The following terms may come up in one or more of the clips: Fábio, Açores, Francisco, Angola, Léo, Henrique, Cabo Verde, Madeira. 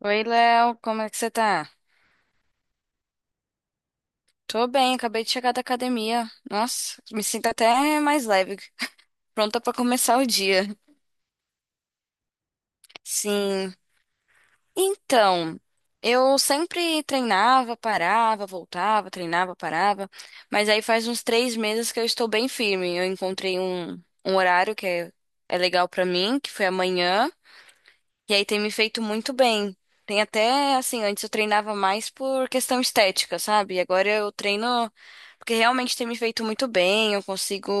Oi, Léo, como é que você tá? Tô bem, acabei de chegar da academia. Nossa, me sinto até mais leve, pronta pra começar o dia. Sim. Então, eu sempre treinava, parava, voltava, treinava, parava, mas aí faz uns 3 meses que eu estou bem firme. Eu encontrei um horário que é legal pra mim, que foi amanhã. E aí tem me feito muito bem. Tem até, assim, antes eu treinava mais por questão estética, sabe? E agora eu treino porque realmente tem me feito muito bem, eu consigo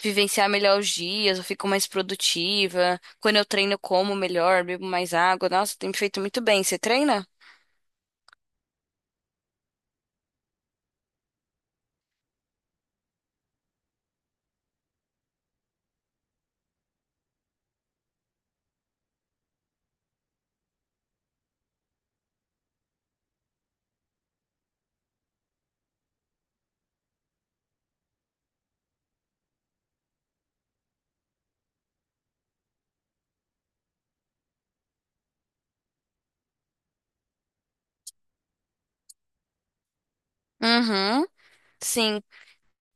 vivenciar melhor os dias, eu fico mais produtiva. Quando eu treino, eu como melhor, bebo mais água. Nossa, tem me feito muito bem. Você treina? Uhum, sim.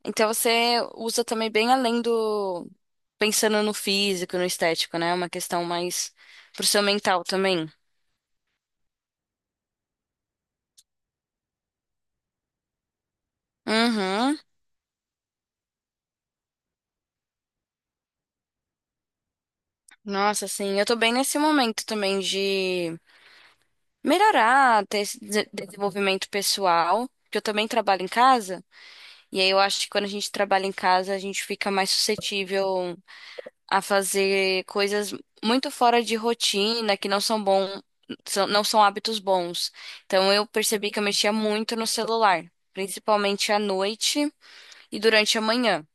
Então você usa também bem além do pensando no físico, no estético, né? É uma questão mais pro seu mental também. Uhum. Nossa, sim, eu tô bem nesse momento também de melhorar, ter esse desenvolvimento pessoal, que eu também trabalho em casa, e aí eu acho que quando a gente trabalha em casa, a gente fica mais suscetível a fazer coisas muito fora de rotina, que não são bom, não são hábitos bons. Então eu percebi que eu mexia muito no celular, principalmente à noite e durante a manhã.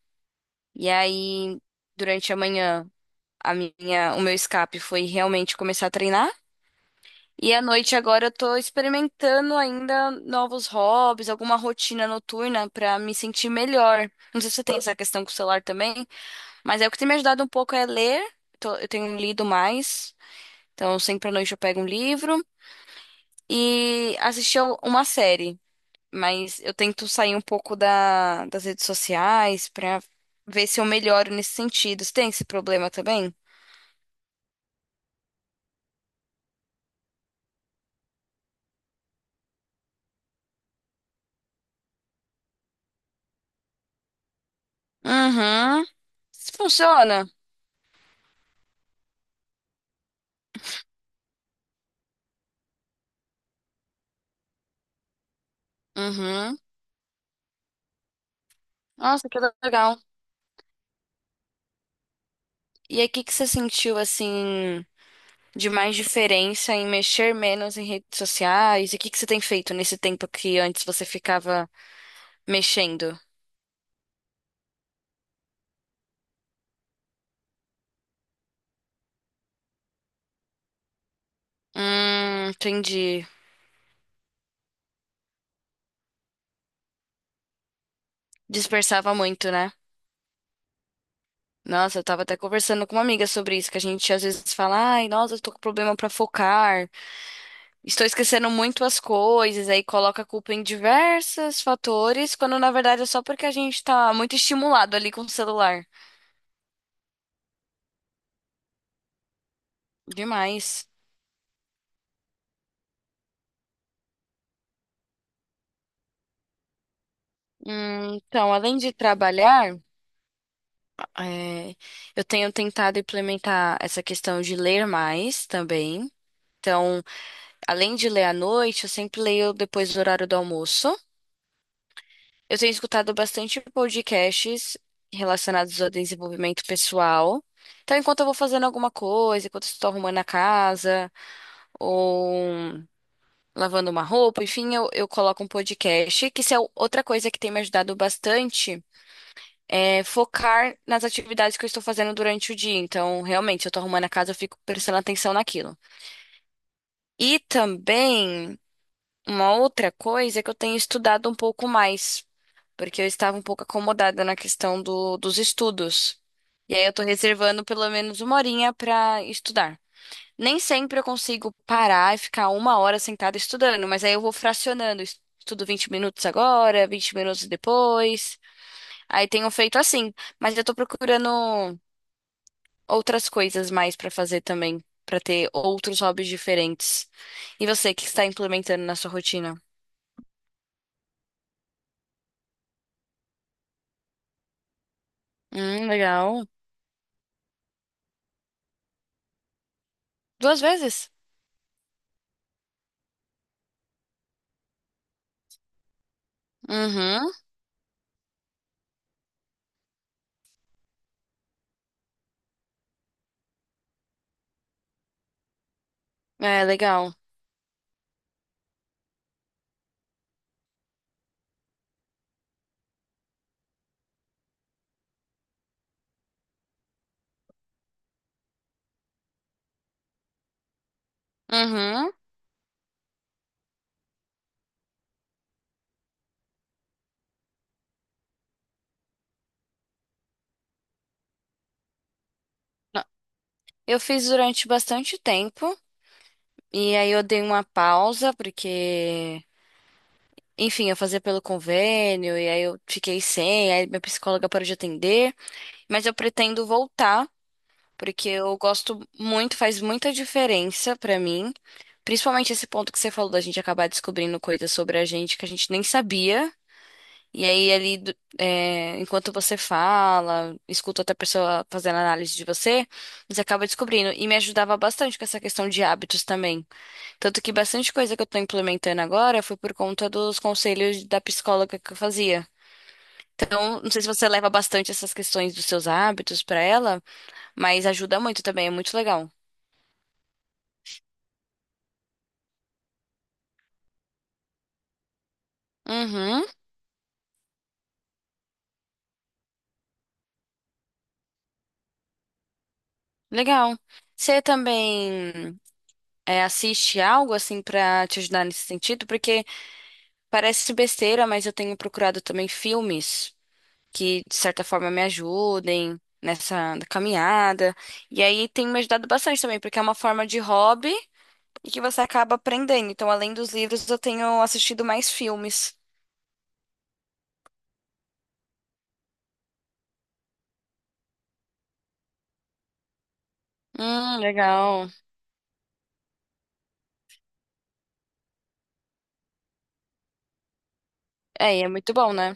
E aí, durante a manhã, o meu escape foi realmente começar a treinar. E à noite agora eu tô experimentando ainda novos hobbies, alguma rotina noturna pra me sentir melhor. Não sei se você tem essa questão com o celular também, mas o que tem me ajudado um pouco é ler. Eu tenho lido mais, então sempre à noite eu pego um livro e assistir a uma série. Mas eu tento sair um pouco das redes sociais pra ver se eu melhoro nesse sentido. Você tem esse problema também? Uhum. Funciona. Uhum. Nossa, que legal. E aí, o que que você sentiu assim de mais diferença em mexer menos em redes sociais? E o que que você tem feito nesse tempo que antes você ficava mexendo? Entendi. Dispersava muito, né? Nossa, eu tava até conversando com uma amiga sobre isso, que a gente às vezes fala, ai, nossa, eu tô com problema pra focar, estou esquecendo muito as coisas, aí coloca a culpa em diversos fatores, quando na verdade é só porque a gente tá muito estimulado ali com o celular. Demais. Então, além de trabalhar, é, eu tenho tentado implementar essa questão de ler mais também. Então, além de ler à noite, eu sempre leio depois do horário do almoço. Eu tenho escutado bastante podcasts relacionados ao desenvolvimento pessoal. Então, enquanto eu vou fazendo alguma coisa, enquanto eu estou arrumando a casa ou lavando uma roupa, enfim, eu coloco um podcast, que isso é outra coisa que tem me ajudado bastante é, focar nas atividades que eu estou fazendo durante o dia. Então, realmente, eu tô arrumando a casa, eu fico prestando atenção naquilo. E também, uma outra coisa é que eu tenho estudado um pouco mais, porque eu estava um pouco acomodada na questão dos estudos. E aí, eu tô reservando pelo menos uma horinha para estudar. Nem sempre eu consigo parar e ficar uma hora sentada estudando, mas aí eu vou fracionando. Estudo 20 minutos agora, 20 minutos depois. Aí tenho feito assim. Mas eu tô procurando outras coisas mais pra fazer também, pra ter outros hobbies diferentes. E você, o que está implementando na sua rotina? Legal. Duas vezes? Uhum. É, legal. Uhum. Não, eu fiz durante bastante tempo e aí eu dei uma pausa porque, enfim, eu fazia pelo convênio e aí eu fiquei sem, aí minha psicóloga parou de atender, mas eu pretendo voltar porque eu gosto muito, faz muita diferença pra mim, principalmente esse ponto que você falou da gente acabar descobrindo coisas sobre a gente que a gente nem sabia. E aí, ali, é, enquanto você fala, escuta outra pessoa fazendo análise de você, você acaba descobrindo. E me ajudava bastante com essa questão de hábitos também. Tanto que bastante coisa que eu tô implementando agora foi por conta dos conselhos da psicóloga que eu fazia. Então, não sei se você leva bastante essas questões dos seus hábitos pra ela, mas ajuda muito também, é muito legal. Uhum, legal. Você também é, assiste algo assim pra te ajudar nesse sentido? Porque parece besteira, mas eu tenho procurado também filmes que de certa forma me ajudem nessa caminhada. E aí tem me ajudado bastante também, porque é uma forma de hobby e que você acaba aprendendo. Então, além dos livros, eu tenho assistido mais filmes. Legal. É, e é muito bom, né?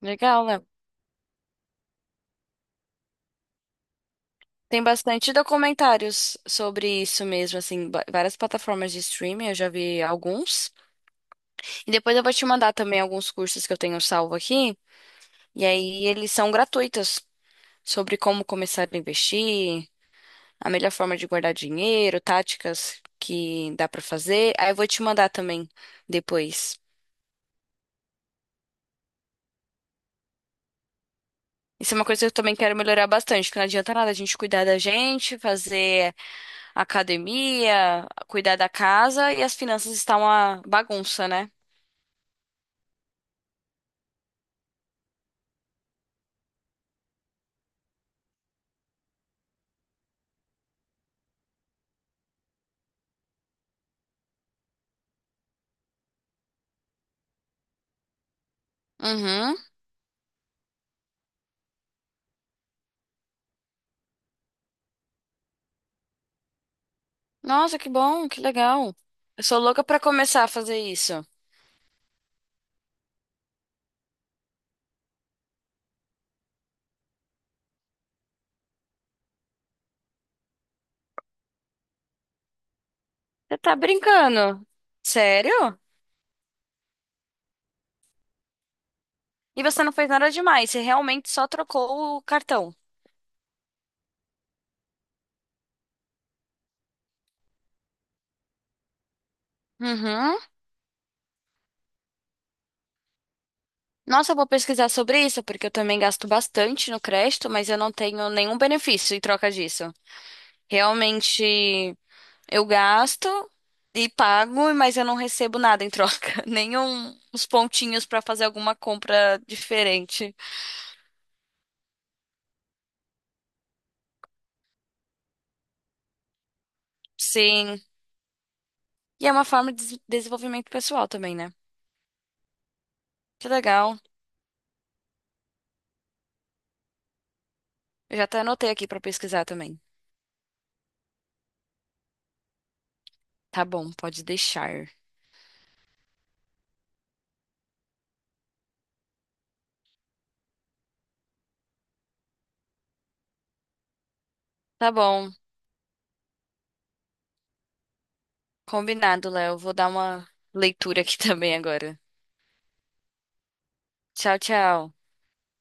Legal, Léo. Tem bastante documentários sobre isso mesmo, assim, várias plataformas de streaming, eu já vi alguns. E depois eu vou te mandar também alguns cursos que eu tenho salvo aqui, e aí eles são gratuitos, sobre como começar a investir, a melhor forma de guardar dinheiro, táticas que dá pra fazer. Aí eu vou te mandar também depois. Isso é uma coisa que eu também quero melhorar bastante, que não adianta nada a gente cuidar da gente, fazer academia, cuidar da casa e as finanças estão uma bagunça, né? Uhum. Nossa, que bom, que legal. Eu sou louca pra começar a fazer isso. Você tá brincando? Sério? E você não fez nada demais, você realmente só trocou o cartão. Uhum. Nossa, eu vou pesquisar sobre isso, porque eu também gasto bastante no crédito, mas eu não tenho nenhum benefício em troca disso. Realmente, eu gasto e pago, mas eu não recebo nada em troca, nenhum uns pontinhos pra fazer alguma compra diferente. Sim. E é uma forma de desenvolvimento pessoal também, né? Que legal. Eu já até anotei aqui pra pesquisar também. Tá bom, pode deixar. Tá bom, combinado, Léo. Vou dar uma leitura aqui também agora. Tchau, tchau.